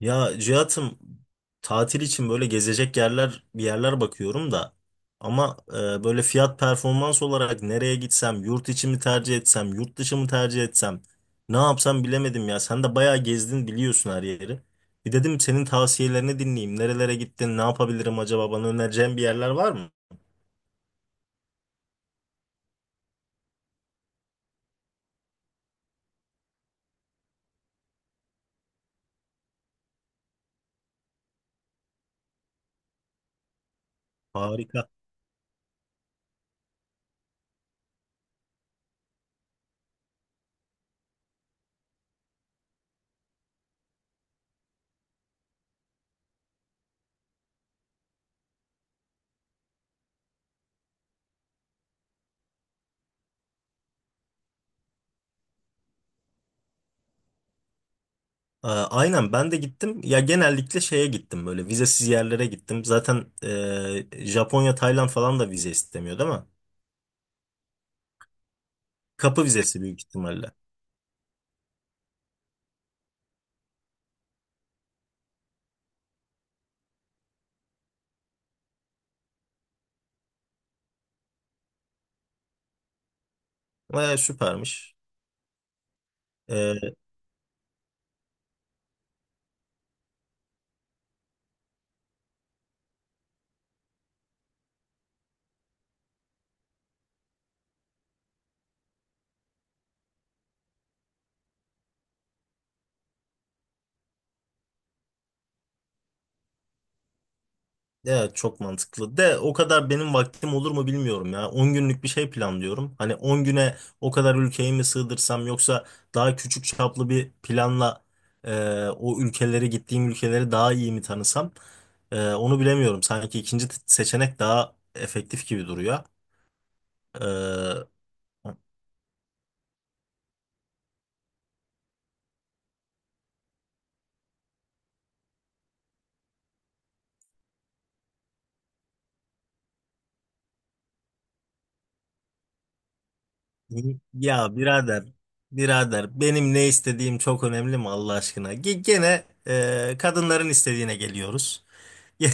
Ya Cihat'ım, tatil için böyle gezecek yerler bir yerler bakıyorum da ama böyle fiyat performans olarak nereye gitsem, yurt içi mi tercih etsem, yurt dışı mı tercih etsem, ne yapsam bilemedim ya. Sen de bayağı gezdin, biliyorsun her yeri. Bir dedim senin tavsiyelerini dinleyeyim, nerelere gittin, ne yapabilirim, acaba bana önereceğin bir yerler var mı? Harika. Aynen, ben de gittim ya. Genellikle şeye gittim, böyle vizesiz yerlere gittim zaten. Japonya, Tayland falan da vize istemiyor değil mi? Kapı vizesi büyük ihtimalle. Süpermiş. Ee, evet, çok mantıklı. De o kadar benim vaktim olur mu bilmiyorum ya. 10 günlük bir şey planlıyorum. Hani 10 güne o kadar ülkeyi mi sığdırsam, yoksa daha küçük çaplı bir planla o ülkeleri gittiğim ülkeleri daha iyi mi tanısam? Onu bilemiyorum. Sanki ikinci seçenek daha efektif gibi duruyor. Ee, Ya birader, birader, benim ne istediğim çok önemli mi Allah aşkına? Gene kadınların istediğine geliyoruz.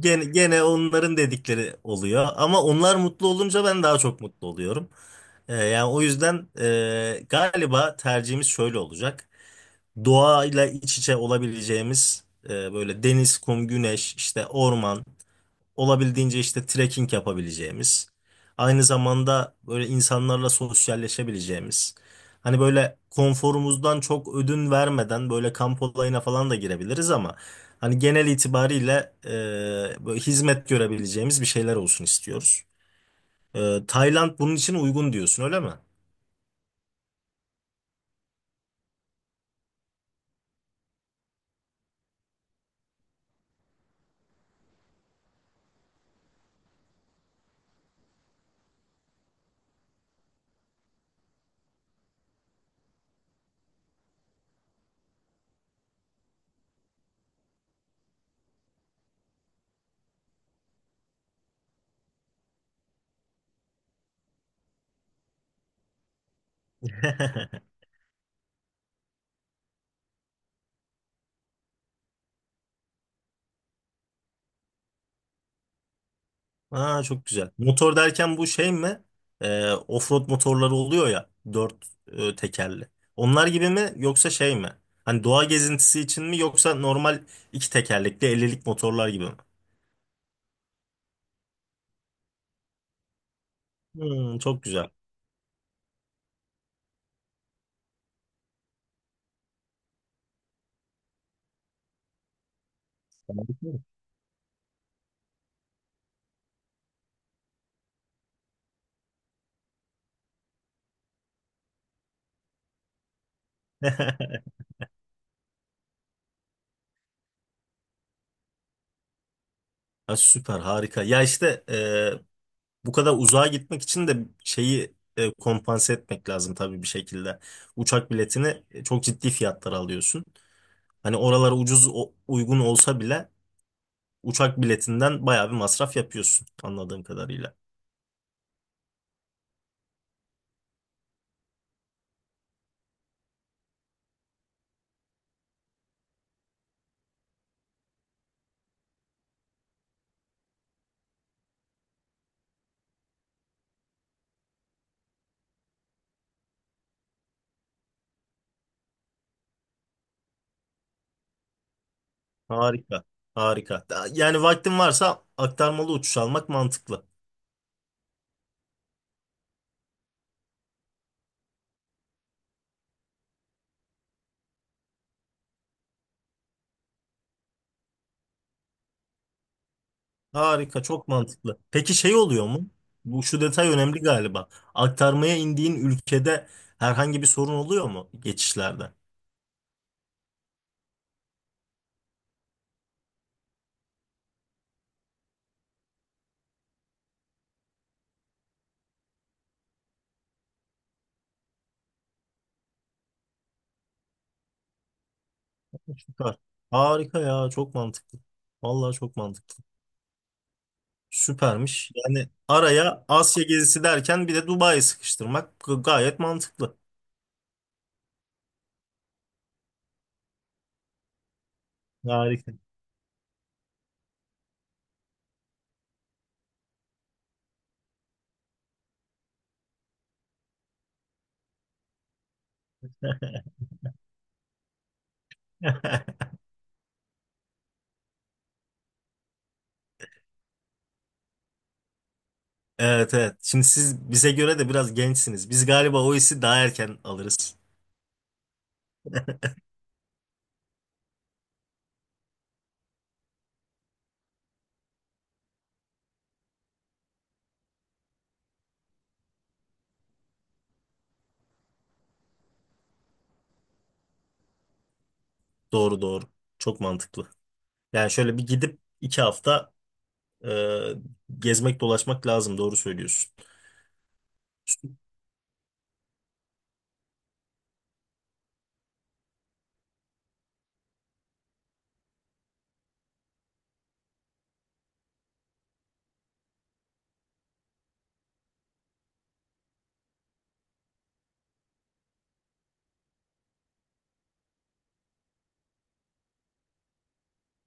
Gene, gene onların dedikleri oluyor, ama onlar mutlu olunca ben daha çok mutlu oluyorum. Yani o yüzden galiba tercihimiz şöyle olacak. Doğayla iç içe olabileceğimiz, böyle deniz, kum, güneş, işte orman, olabildiğince işte trekking yapabileceğimiz, aynı zamanda böyle insanlarla sosyalleşebileceğimiz, hani böyle konforumuzdan çok ödün vermeden böyle kamp olayına falan da girebiliriz ama hani genel itibariyle e, böyle hizmet görebileceğimiz bir şeyler olsun istiyoruz. Tayland bunun için uygun diyorsun, öyle mi? Aa, çok güzel. Motor derken bu şey mi? Offroad motorları oluyor ya, dört tekerli. Onlar gibi mi yoksa şey mi? Hani doğa gezintisi için mi, yoksa normal iki tekerlekli 50'lik motorlar gibi mi? Hmm, çok güzel. Harika. Ha, süper, harika. Ya işte bu kadar uzağa gitmek için de şeyi kompanse etmek lazım tabii bir şekilde. Uçak biletini çok ciddi fiyatlar alıyorsun. Hani oralara ucuz uygun olsa bile uçak biletinden bayağı bir masraf yapıyorsun anladığım kadarıyla. Harika. Harika. Yani vaktin varsa aktarmalı uçuş almak mantıklı. Harika, çok mantıklı. Peki şey oluyor mu? Bu şu detay önemli galiba. Aktarmaya indiğin ülkede herhangi bir sorun oluyor mu geçişlerde? Süper. Harika ya, çok mantıklı. Vallahi çok mantıklı. Süpermiş. Yani araya Asya gezisi derken bir de Dubai'yi sıkıştırmak gayet mantıklı. Harika. Evet, evet. Şimdi siz bize göre de biraz gençsiniz. Biz galiba o hissi daha erken alırız. Doğru, doğru. Çok mantıklı. Yani şöyle bir gidip iki hafta e, gezmek dolaşmak lazım. Doğru söylüyorsun.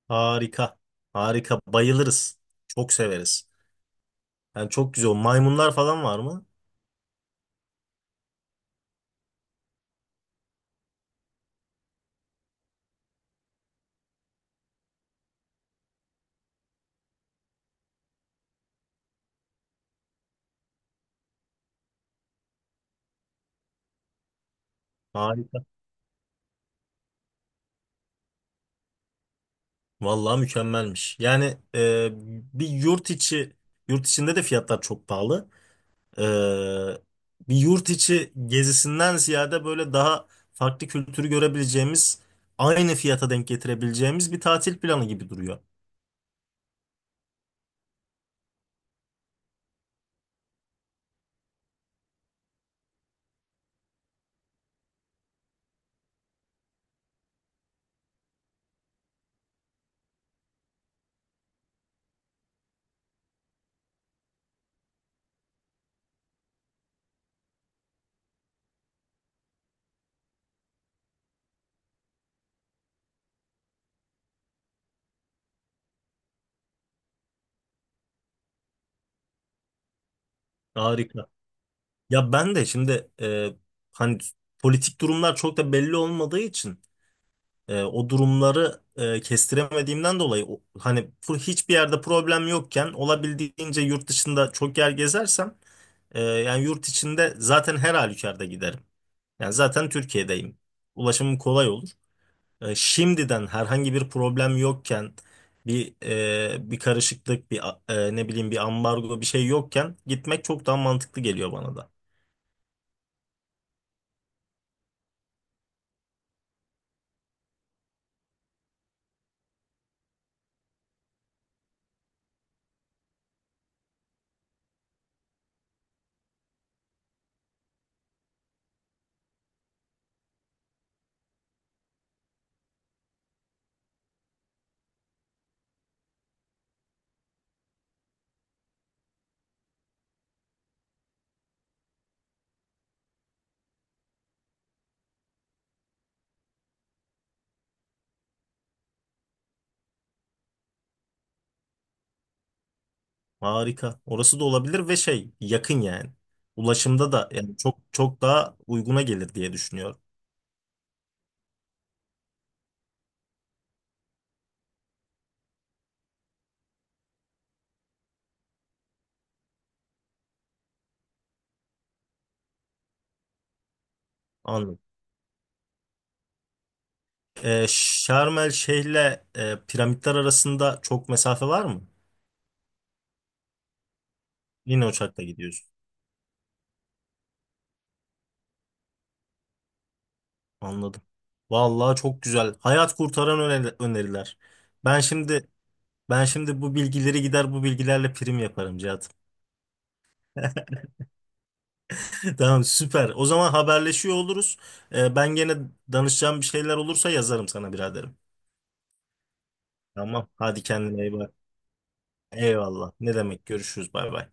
Harika. Harika. Bayılırız. Çok severiz. Yani çok güzel. O maymunlar falan var mı? Harika. Vallahi mükemmelmiş. Yani e, bir yurt içi yurt içinde de fiyatlar çok pahalı. Ee, Bir yurt içi gezisinden ziyade böyle daha farklı kültürü görebileceğimiz, aynı fiyata denk getirebileceğimiz bir tatil planı gibi duruyor. Harika. Ya ben de şimdi hani politik durumlar çok da belli olmadığı için o durumları kestiremediğimden dolayı hani hiçbir yerde problem yokken olabildiğince yurt dışında çok yer gezersem, yani yurt içinde zaten her halükarda giderim. Yani zaten Türkiye'deyim. Ulaşımım kolay olur. Şimdiden herhangi bir problem yokken, bir bir karışıklık, bir ne bileyim, bir ambargo bir şey yokken gitmek çok daha mantıklı geliyor bana da. Harika. Orası da olabilir, ve şey, yakın yani. Ulaşımda da yani çok çok daha uyguna gelir diye düşünüyorum. Anladım. Şarm El Şeyh'le piramitler arasında çok mesafe var mı? Yine uçakla gidiyorsun. Anladım. Vallahi çok güzel. Hayat kurtaran öneriler. Ben şimdi Ben şimdi bu bilgileri gider bu bilgilerle prim yaparım Cihat. Tamam, süper. O zaman haberleşiyor oluruz. Ben gene danışacağım bir şeyler olursa yazarım sana biraderim. Tamam. Hadi kendine iyi bak. Eyvallah. Ne demek? Görüşürüz. Bay bay.